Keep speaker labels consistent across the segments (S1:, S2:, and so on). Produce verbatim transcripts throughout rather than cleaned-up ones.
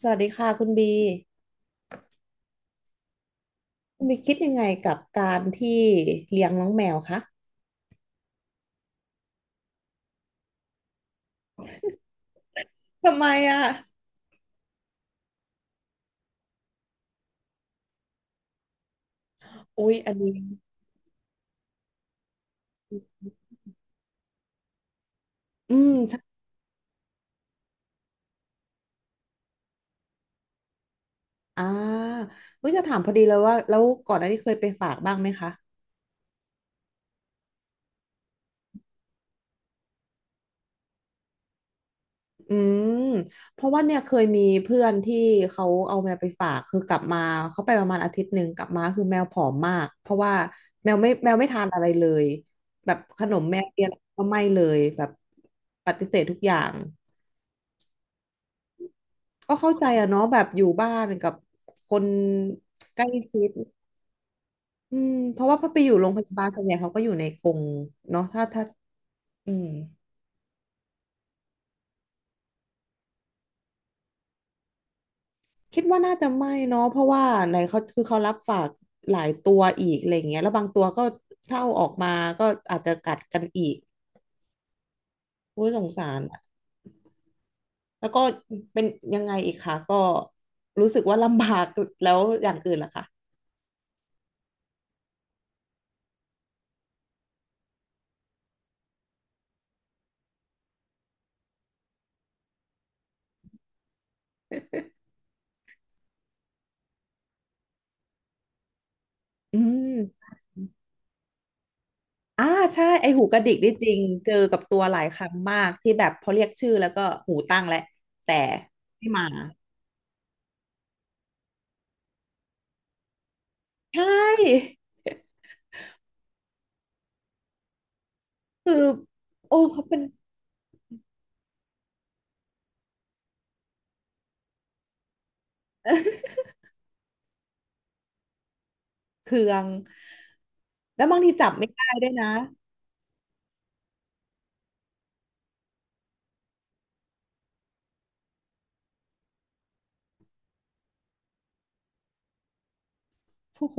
S1: สวัสดีค่ะคุณบีคุณบีคิดยังไงกับการที่เลี้ยงน้องแมวคะทำไมอ่ะอุ๊ยอันนี้อืมใช่อ่าวิจะถามพอดีเลยว่าแล้วก่อนหน้านี้เคยไปฝากบ้างไหมคะอืมเพราะว่าเนี่ยเคยมีเพื่อนที่เขาเอาแมวไปฝากคือกลับมาเขาไปประมาณอาทิตย์หนึ่งกลับมาคือแมวผอมมากเพราะว่าแมวไม่แมวไม่ทานอะไรเลยแบบขนมแมวเลียนก็ไม่เลยแบบปฏิเสธทุกอย่าง ก็เข้าใจอะเนาะแบบอยู่บ้านกับคนใกล้ชิดอืมเพราะว่าพอไปอยู่โรงพยาบาลส่วนใหญ่เขาก็อยู่ในกรงเนาะถ้าถ้าอืมคิดว่าน่าจะไม่เนาะเพราะว่าไหนเขาคือเขารับฝากหลายตัวอีกอะไรอย่างเงี้ยแล้วบางตัวก็ถ้าเอาออกมาก็อาจจะกัดกันอีกโอ้ยสงสารอะแล้วก็เป็นยังไงอีกคะก็รู้สึกว่าลำบากแล้วอย่างอื่นล่ะคะอืม อ่าใช่ไอหูกระดิกได้จริงเจอกับตัวหลายครั้งมากที่แบบพอเรียกชื่อแล้วก็หูตั้งแล้วแต่ไม่มาใช่คือโอ้เขาเป็น เครืองแล้วบางทีจับไม่ได้ด้วยนะโอ้โห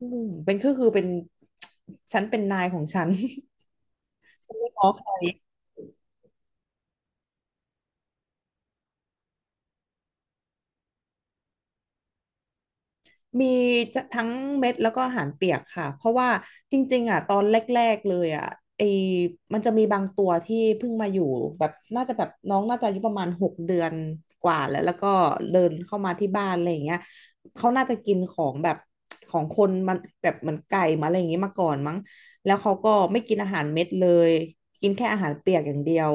S1: อืมเป็นก็คือเป็น ฉันเป็นนายของฉัน ไม่ง้อใคร มีทั้งเม็ดแล้วก็อาหารเปียกค่ะเพราะว่าจริงๆอ่ะตอนแรกๆเลยอ่ะไอมันจะมีบางตัวที่เพิ่งมาอยู่แบบน่าจะแบบน้องน่าจะอายุประมาณหกเดือนกว่าแล้วแล้วก็เดินเข้ามาที่บ้านอะไรอย่างเงี้ยเขาน่าจะกินของแบบของคนมันแบบเหมือนไก่มาอะไรอย่างเงี้ยมาก่อนมั้ง แล้วเขาก็ไม่กินอาหารเม็ดเลย กินแค่อาหารเปียกอย่างเดียว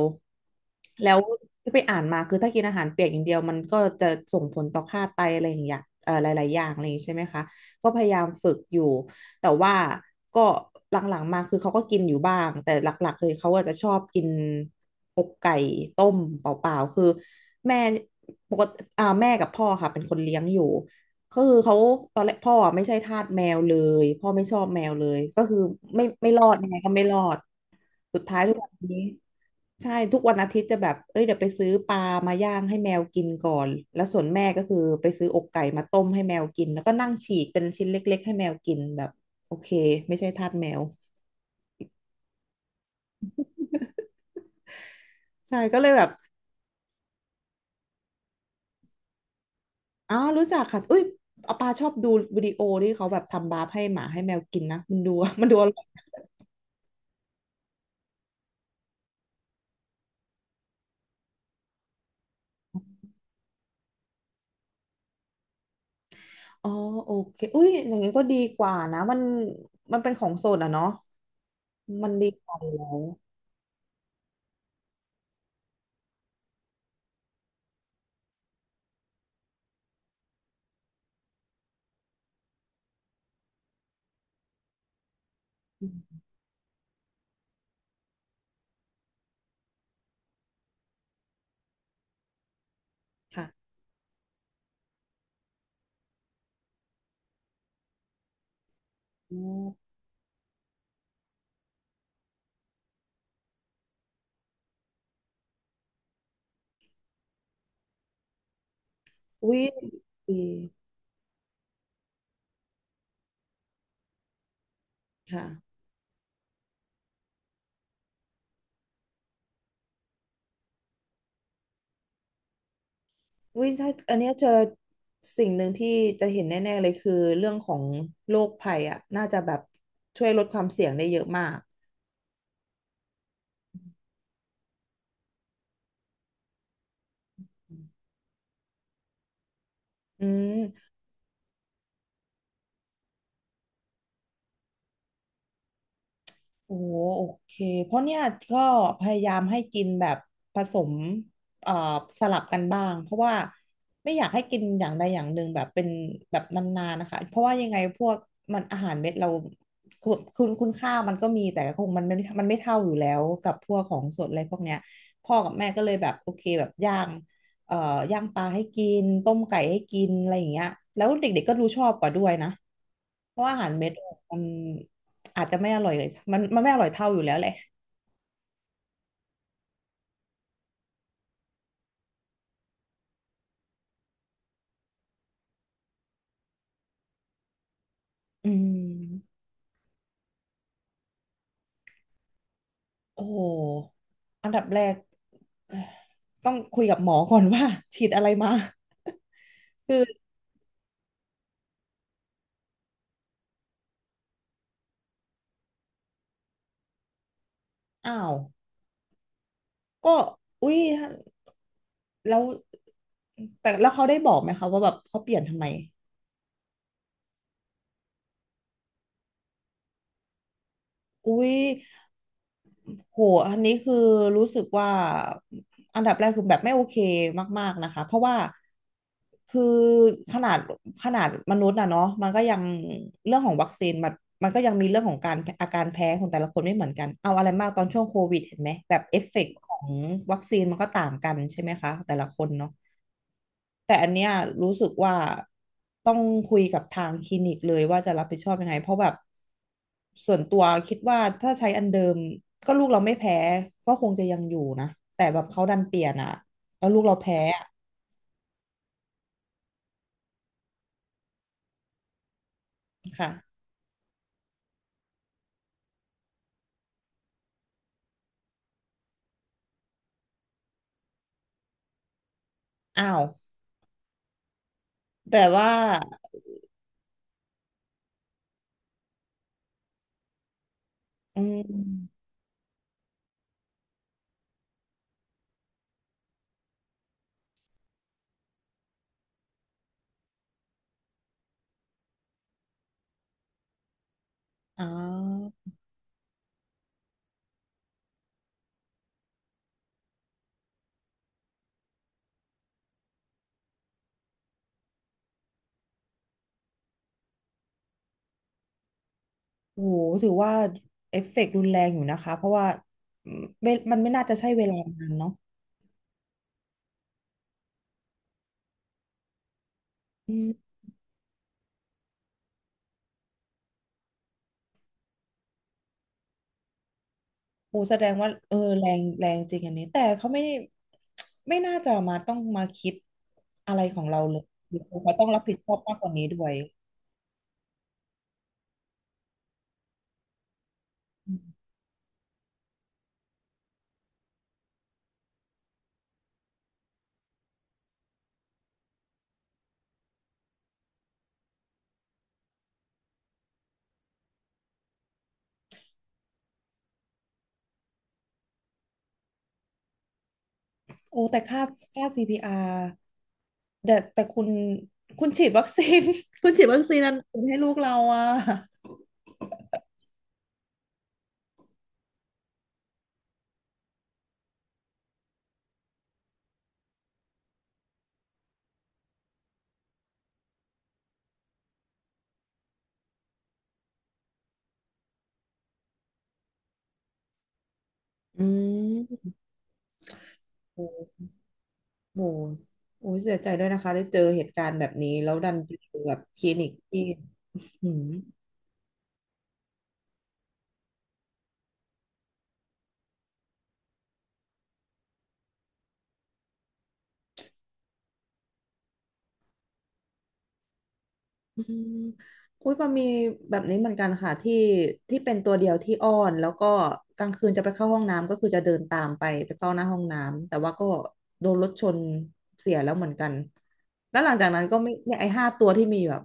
S1: แล้วที่ไปอ่านมาคือถ้ากินอาหารเปียกอย่างเดียวมันก็จะส่งผลต่อค่าไตอะไรอย่างอย่างเอ่อหลายๆอย่างอะไรอย่างงี้ใช่ไหมคะก็พยายามฝึกอยู่ แต่ว่าก็หลังๆมาคือเขาก็กินอยู่บ้าง แต่หลักๆเลยเขาอาจจะชอบกินอกไก่ต้มเปล่าๆคือแม่ปกติอ่าแม่กับพ่อค่ะเป็นคนเลี้ยงอยู่ ก็คือเขาตอนแรกพ่ออะไม่ใช่ทาสแมวเลยพ่อไม่ชอบแมวเลยก็คือไม่ไม่รอดยังไงก็ไม่รอดสุดท้ายทุกวันนี้ใช่ทุกวันอาทิตย์จะแบบเอ้ยเดี๋ยวไปซื้อปลามาย่างให้แมวกินก่อนแล้วส่วนแม่ก็คือไปซื้ออกไก่มาต้มให้แมวกินแล้วก็นั่งฉีกเป็นชิ้นเล็กๆให้แมวกินแบบโอเคไม่ใช่ทาสแมวใช่ก็เลยแบบอ้าวรู้จักค่ะอุ้ยอาปาชอบดูวิดีโอที่เขาแบบทำบาร์ฟให้หมาให้แมวกินนะมันดูมันดู อ๋อโอเคอุ้ยอย่างงี้ก็ดีกว่านะมันมันเป็นของสดอะเนาะมันดีกว่าอยู่แล้วอืมค่ะอ๋ออุ้ยดีค่ะอุ้ยถ้าอันเนี้ยเจอสิ่งหนึ่งที่จะเห็นแน่ๆเลยคือเรื่องของโรคภัยอะน่าจะแบบช่วยลดความเสี่ยงได้เยอะมากอืม โอ้โอเคเพราะเนี่ยก็พยายามให้กินแบบผสมเอ่อสลับกันบ้างเพราะว่าไม่อยากให้กินอย่างใดอย่างหนึ่งแบบเป็นแบบนานๆนะคะเพราะว่ายังไงพวกมันอาหารเม็ดเราคุณคุณคุณค่ามันก็มีแต่คงมันไม่มันไม่เท่าอยู่แล้วกับพวกของสดอะไรพวกเนี้ยพ่อกับแม่ก็เลยแบบโอเคแบบย่างเอ่อย่างปลาให้กินต้มไก่ให้กินอะไรอย่างเงี้ยแล้วเด็กๆก็รูชอบกว่าด้วยนะเพราะว่าอาหารเม็ดมัน อาจจะไม่อร่อยเลยมันมันไม่อร่อยเท่าอยู่แล้วแหละอืมโอ้โหอันดับแรกเอ่อต้องคุยกับหมอก่อนว่า ฉีดอะไรมา คืออ้าวก็อุ้ยแล้วแต่แล้วเขาได้บอกไหมคะว่าแบบเขาเปลี่ยนทำไม อุ๊ยโหอันนี้คือรู้สึกว่าอันดับแรกคือแบบไม่โอเคมากๆนะคะ เพราะว่าคือขนาดขนาดมนุษย์น่ะเนาะมันก็ยังเรื่องของวัคซีนมันมันก็ยังมีเรื่องของการอาการแพ้ของแต่ละคนไม่เหมือนกันเอาอะไรมากตอนช่วงโควิดเห็นไหมแบบเอฟเฟกต์ของวัคซีนมันก็ต่างกันใช่ไหมคะแต่ละคนเนาะ แต่อันเนี้ยรู้สึกว่าต้องคุยกับทางคลินิกเลยว่าจะรับผิดชอบยังไงเพราะแบบส่วนตัวคิดว่าถ้าใช้อันเดิมก็ลูกเราไม่แพ้ก็คงจะยังอยู่นะแต่แบบเขาดันเปลี่ยนอ่ะแล้วลูกเราแพ้อะค่ะอ้าวแต่ว่าอืมอ๋อโหถือว่าเอฟเฟกต์รุนแรงอยู่นะคะเพราะว่าอืมเวมันไม่น่าจะใช่เวลานานเนาะอืม โอ้แสดงว่าเออแรงแรงจริงอันนี้แต่เขาไม่ได้ไม่น่าจะมาต้องมาคิดอะไรของเราเลยหรือเขาต้องรับผิดชอบมากกว่านี้ด้วยอืมโอ้แต่ค่าค่า ซี พี อาร์ แต่แต่คุณคุณฉีดวัคซีน คุณฉีดวัคซีนอันอื่นให้ลูกเราอ่ะอืมโอ้โหโอ้ยเสียใจด้วยนะคะได้เจอเหตุการณ์แบบนี้แล้วดันไปเจอแบบคลินิกที่อืม อืมอุ้ยมันมีแบบนี้เหมือนกันค่ะที่ที่เป็นตัวเดียวที่อ้อนแล้วก็กลางคืนจะไปเข้าห้องน้ำก็คือจะเดินตามไปไปเข้าหน้าห้องน้ำแต่ว่าก็โดนรถชนเสียแล้วเหมือนกันแล้วหลังจากนั้นก็ไม่เนี่ยไอ้ห้าตัวที่มีแบบ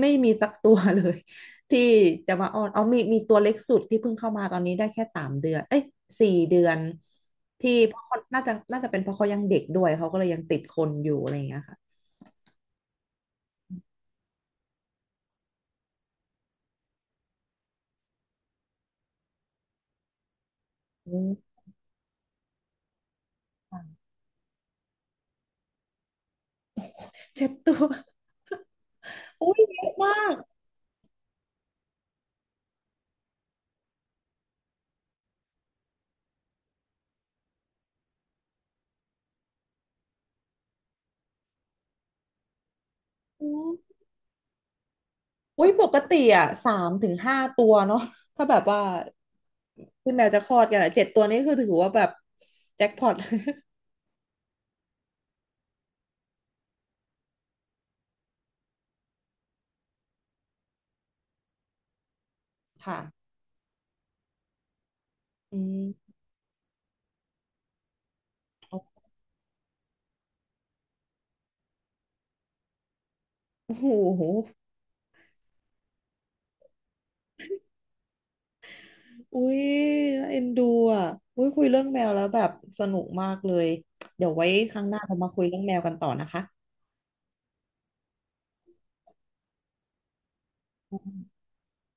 S1: ไม่มีสักตัวเลย ที่จะมาอ้อนเอามีมีตัวเล็กสุดที่เพิ่งเข้ามาตอนนี้ได้แค่สามเดือนเอ้ยสี่เดือนที่เพราะเขาน่าจะน่าจะเป็นเพราะเขายังเด็กด้วยเขาก็เลยยังติดคนอยู่อะไรอย่างเงี้ยค่ะอืมเจ็ดตัว อุ้ยเยอะมากอืมอุ้ยปกติอ่ะสามถึงห้าตัวเนาะถ้าแบบว่าที่แมวจะคลอดกันอ่ะเจ็ดตัวนี้คือถือว่าแบบแจ็คพอต ค่ะอืมโอ้โหอุ้ยน่าเอ็นดูอ่ะอุ้ยคุยเรื่องแมวแล้วแบบสนุกมากเลยเดี๋ยวไว้ครั้งหน้าเรามาคุยเรื่องแมวกันต่อนะคะ